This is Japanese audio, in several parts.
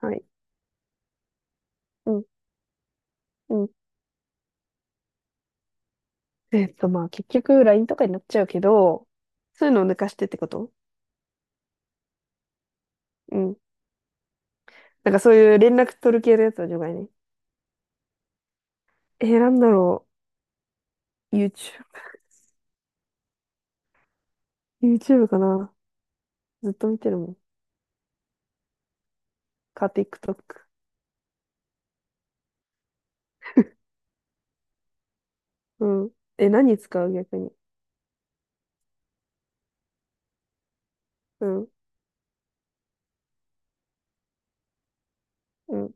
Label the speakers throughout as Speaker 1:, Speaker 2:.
Speaker 1: はい。うん、うん。まあ、結局、LINE とかになっちゃうけど、そういうのを抜かしてってこと？うん。なんかそういう連絡取る系のやつは除外ね。なんだろう。YouTube かな。ずっと見てるもん。か、TikTok。うん。え、何使う逆に？うん、うん。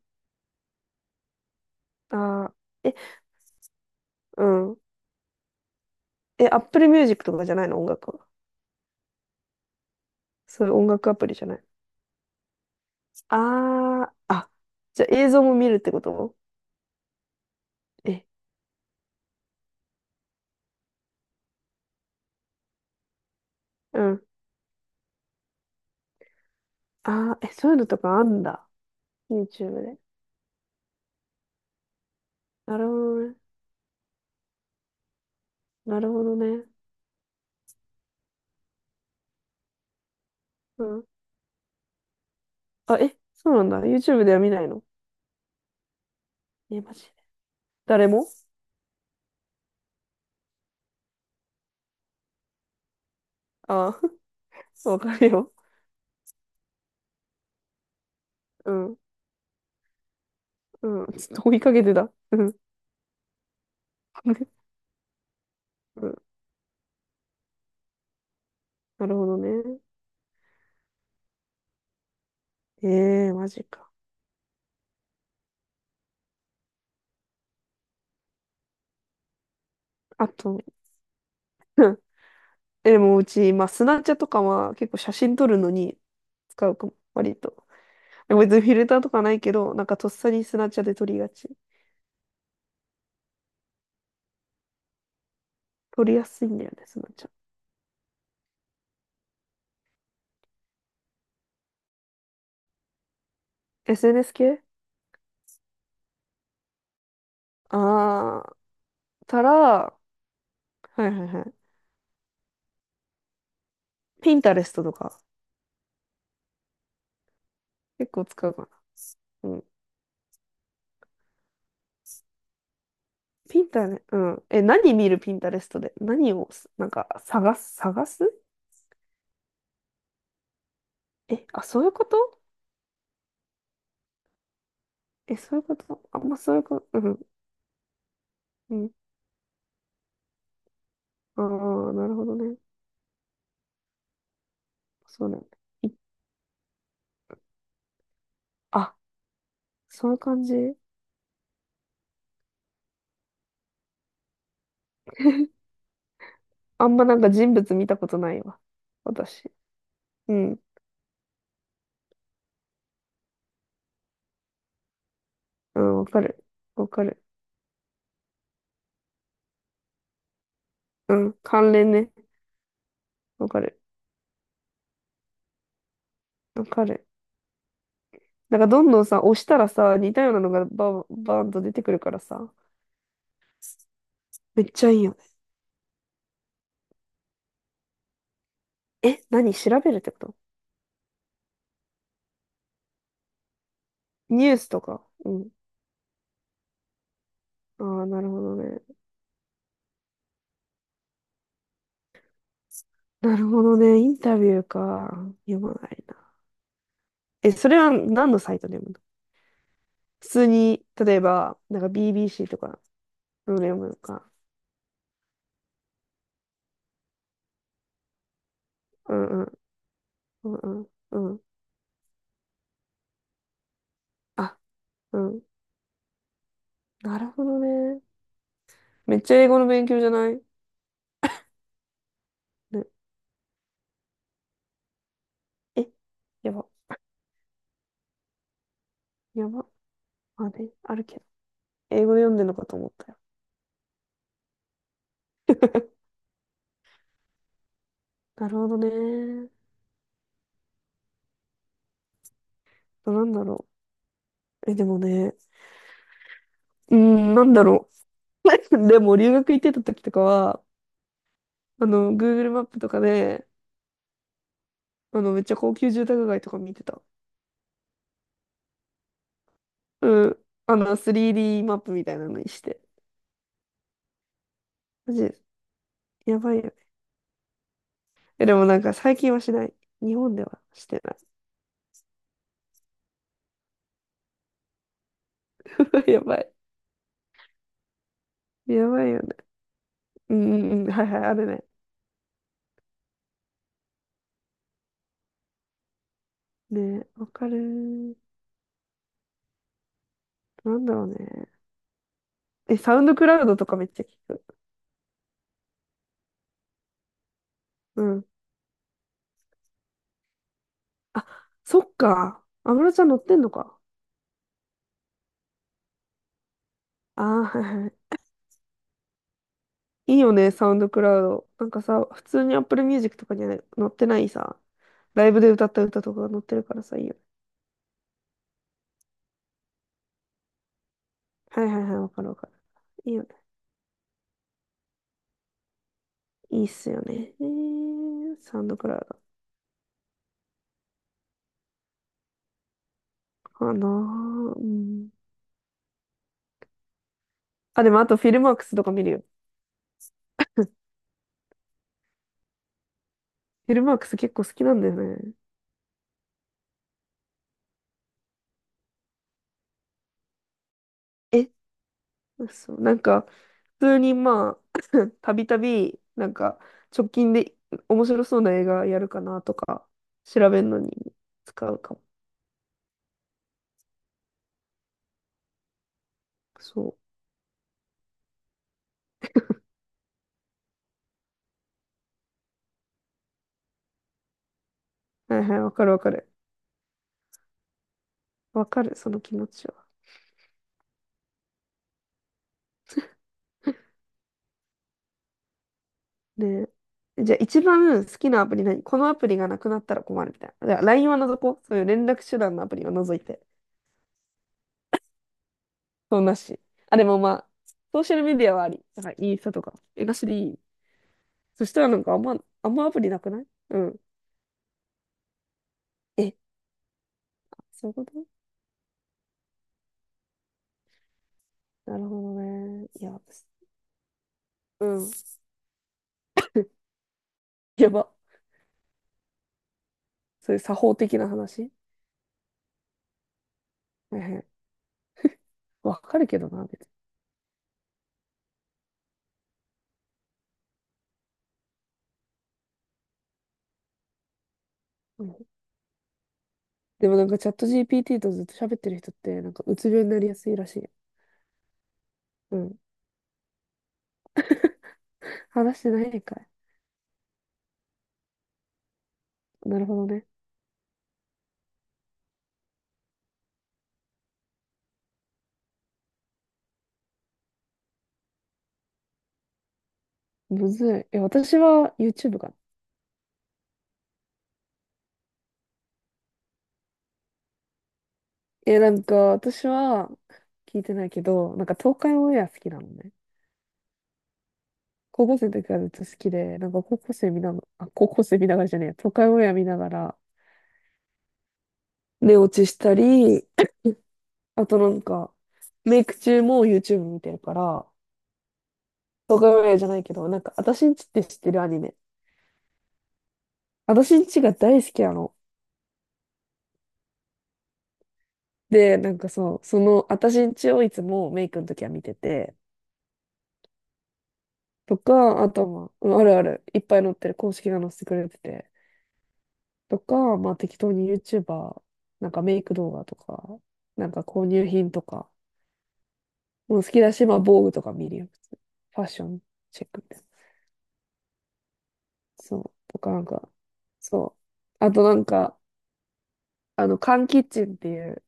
Speaker 1: あー、え、うん。え、Apple Music とかじゃないの？音楽は。そういう音楽アプリじゃない？あー、あ、じゃあ映像も見るってこと？え、うん。あー、え、そういうのとかあんだ。YouTube で。なるほどね。なるほどね。うん。あ、え、そうなんだ。YouTube では見ないの？え、マジで。誰も？ああ、わかるよ。うん。うん。ちょっと追いかけてた。うん。うん。なるほどね。ええ、マジか。あと、うん。え、でもうち、まあ、スナチャとかは結構写真撮るのに使うかも、割と。でも別にフィルターとかないけど、なんかとっさにスナチャで撮りがち。撮りやすいんだよね、スナチャ。SNS 系。ああー、たら、はいはいはい。ピンタレストとか。結構使うかな。うん。ピンタね、うん。え、何見るピンタレストで？何をす、なんか、探す、探す？え、あ、そういうこと？え、そういうこと、あんまそういうこと、うん。うん。ああ、なるほどね。そうだね。い、あ、そういう感じ。あんまなんか人物見たことないわ。私。うん。うん、わかる。わかる。うん。関連ね。わかる。わかる。なんかどんどんさ、押したらさ、似たようなのがバーン、バーンと出てくるからさ、めっちゃいいよね。え、何調べるってこと？ニュースとか。うん。ああ、なるほどね。なるほどね。インタビューか。読まないな。え、それは何のサイトで読むの？普通に、例えば、なんか BBC とか、うん、読むのか。うんうん、うんうん、うん。あ、うん。なるほどね。めっちゃ英語の勉強じゃない？ね、え、やば、やば。あれ、あるけど。英語で読んでるのかと思ったよ。なるほどね。なんだろう。え、でもね。うん、なんだろう。でも、留学行ってた時とかは、あの、Google マップとかで、あの、めっちゃ高級住宅街とか見てた。うん。あの、3D マップみたいなのにして。マジ、やばいよね。え、でもなんか最近はしない。日本ではしてない。やばい。やばいよね。うんうんうん。はいはい、あるね。ねえ、わかるー。なんだろうね。え、サウンドクラウドとかめっちゃ聞く？うん。あ、そっか。安室ちゃん乗ってんのか。ああー、はいはい。いいよね、サウンドクラウド。なんかさ、普通に Apple Music とかにはね載ってないさ、ライブで歌った歌とかが載ってるからさ、いいよね。はいはいはい、わかるわかる。いいよね。いいっすよね。サウンドクラウドかなー。うん。あ、でもあとフィルマークスとか見るよ。フィルマークス結構好きなんだよね。え、そう、なんか、普通にまあ、たびたび、なんか、直近で面白そうな映画やるかなとか、調べるのに使うかも。そう。はいはい、わかるわかる。わかる、その気持ちは。ね、じゃあ一番好きなアプリ何？このアプリがなくなったら困るみたいな。じゃあ LINE は除こう。そういう連絡手段のアプリは除いて。そう、なし。あ、でもまあ、ソーシャルメディアはあり。だからインスタとか。え、なしでいい？そしたらなんかあんま、アプリなくない？うん。え、そういうこと？なるほどね。いや、うん。やば。そういう作法的な話？はいはい。わかるけどな、別に。うん。でもなんかチャット GPT とずっと喋ってる人って、なんかうつ病になりやすいらしい。うん。話してないんかい。なるほどね。むずい。え、私は YouTube かな。え、なんか私は聞いてないけど、なんか東海オンエア好きなのね。高校生の時からずっと好きで、なんか高校生見ながらじゃねえや、東海オンエア見ながら寝落ちしたり、あとなんかメイク中も YouTube 見てるから、東海オンエアじゃないけど、なんか私んちって知ってるアニメ。私んちが大好きなの。で、なんかそう、その私んちをいつもメイクの時は見てて、とか、あとは、うん、あるある、いっぱい載ってる、公式が載せてくれてて、とか、まあ適当に YouTuber、なんかメイク動画とか、なんか購入品とか、もう好きだし、まあ防具とか見るよ、普通。ファッションチェックみたいな。そう。とかなんか、そう。あとなんか、あの、缶キッチンっていう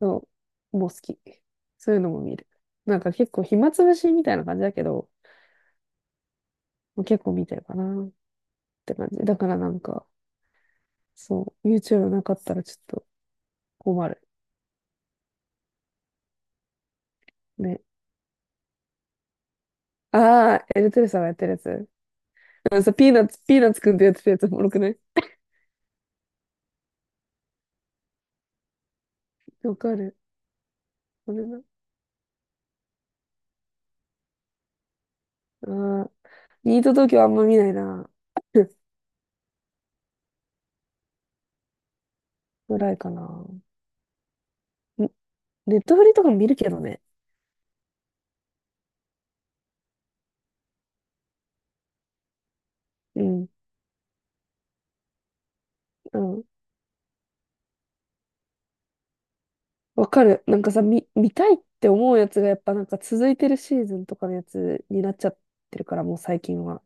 Speaker 1: のも好き。そういうのも見る。なんか結構暇つぶしみたいな感じだけど、もう結構見てるかなって感じ。だからなんか、そう、YouTube なかったらちょっと困る。ね。ああ、エルトレサがやってるやつ。うん、さ、ピーナッツくんとやってるやつおもろくない？わかる。あれな。ああ、ニート東京あんま見ないな。ぐらいかな。ん、ネットフリとかも見るけどね。うん。うん。わかる。なんかさ、見たいって思うやつがやっぱなんか続いてるシーズンとかのやつになっちゃってるから、もう最近は。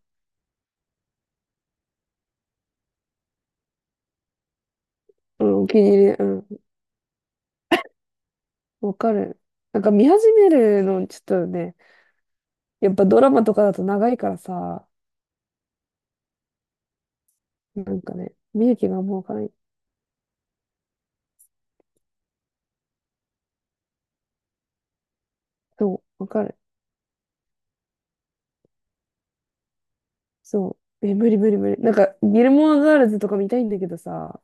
Speaker 1: うん、お気に入り。うん。わかる。なんか見始めるの、ちょっとね、やっぱドラマとかだと長いからさ、なんかね、見る気がもうわかない。そう、わかる。そう。え、無理無理無理。なんか、ギルモアガールズとか見たいんだけどさ、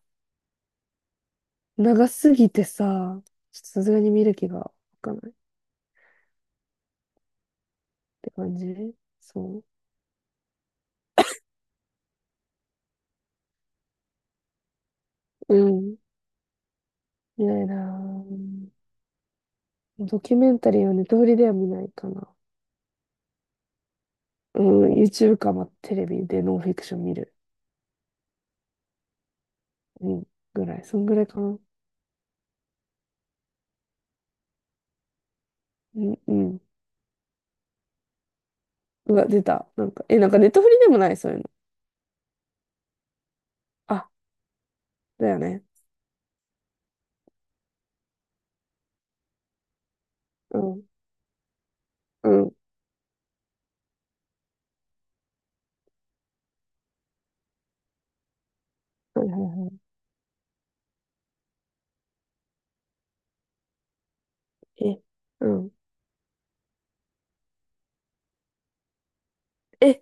Speaker 1: 長すぎてさ、ちょっとさすがに見る気がわかないって感じ。そう。うん。見ないなぁ。ドキュメンタリーはネトフリでは見ないかな。うん、YouTube か、まあ、テレビでノンフィクション見る。うん、ぐらい。そんぐらいかな。うん、うん。うわ、出た。なんか、え、なんかネットフリでもない、そういうの。あ、だよね。うん、うん。はいはいはい。え、うん。え、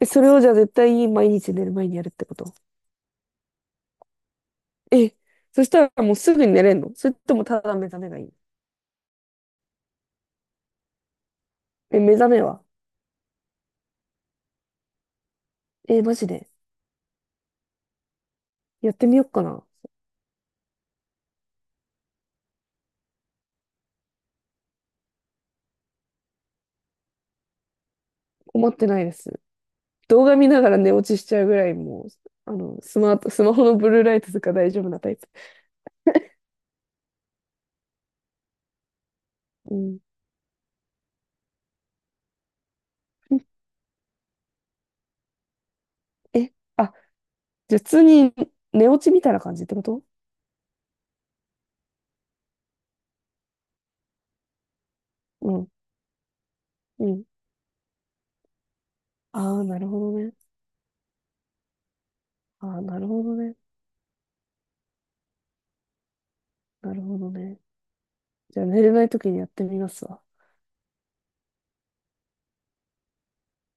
Speaker 1: え、それをじゃあ絶対毎日寝る前にやるってこと？え、そしたらもうすぐに寝れんの？それともただ目覚めがいい？え、目覚めは？え、マジでやってみようかな。困ってないです。動画見ながら寝落ちしちゃうぐらいもう、あの、スマホのブルーライトとか大丈夫なタイプ。うん。え、あ、じゃあ普通に寝落ちみたいな感じってこと？うん。うん。ああ、なるほどね。ああ、なるほどね。なるほどね。じゃあ寝れない時にやってみますわ。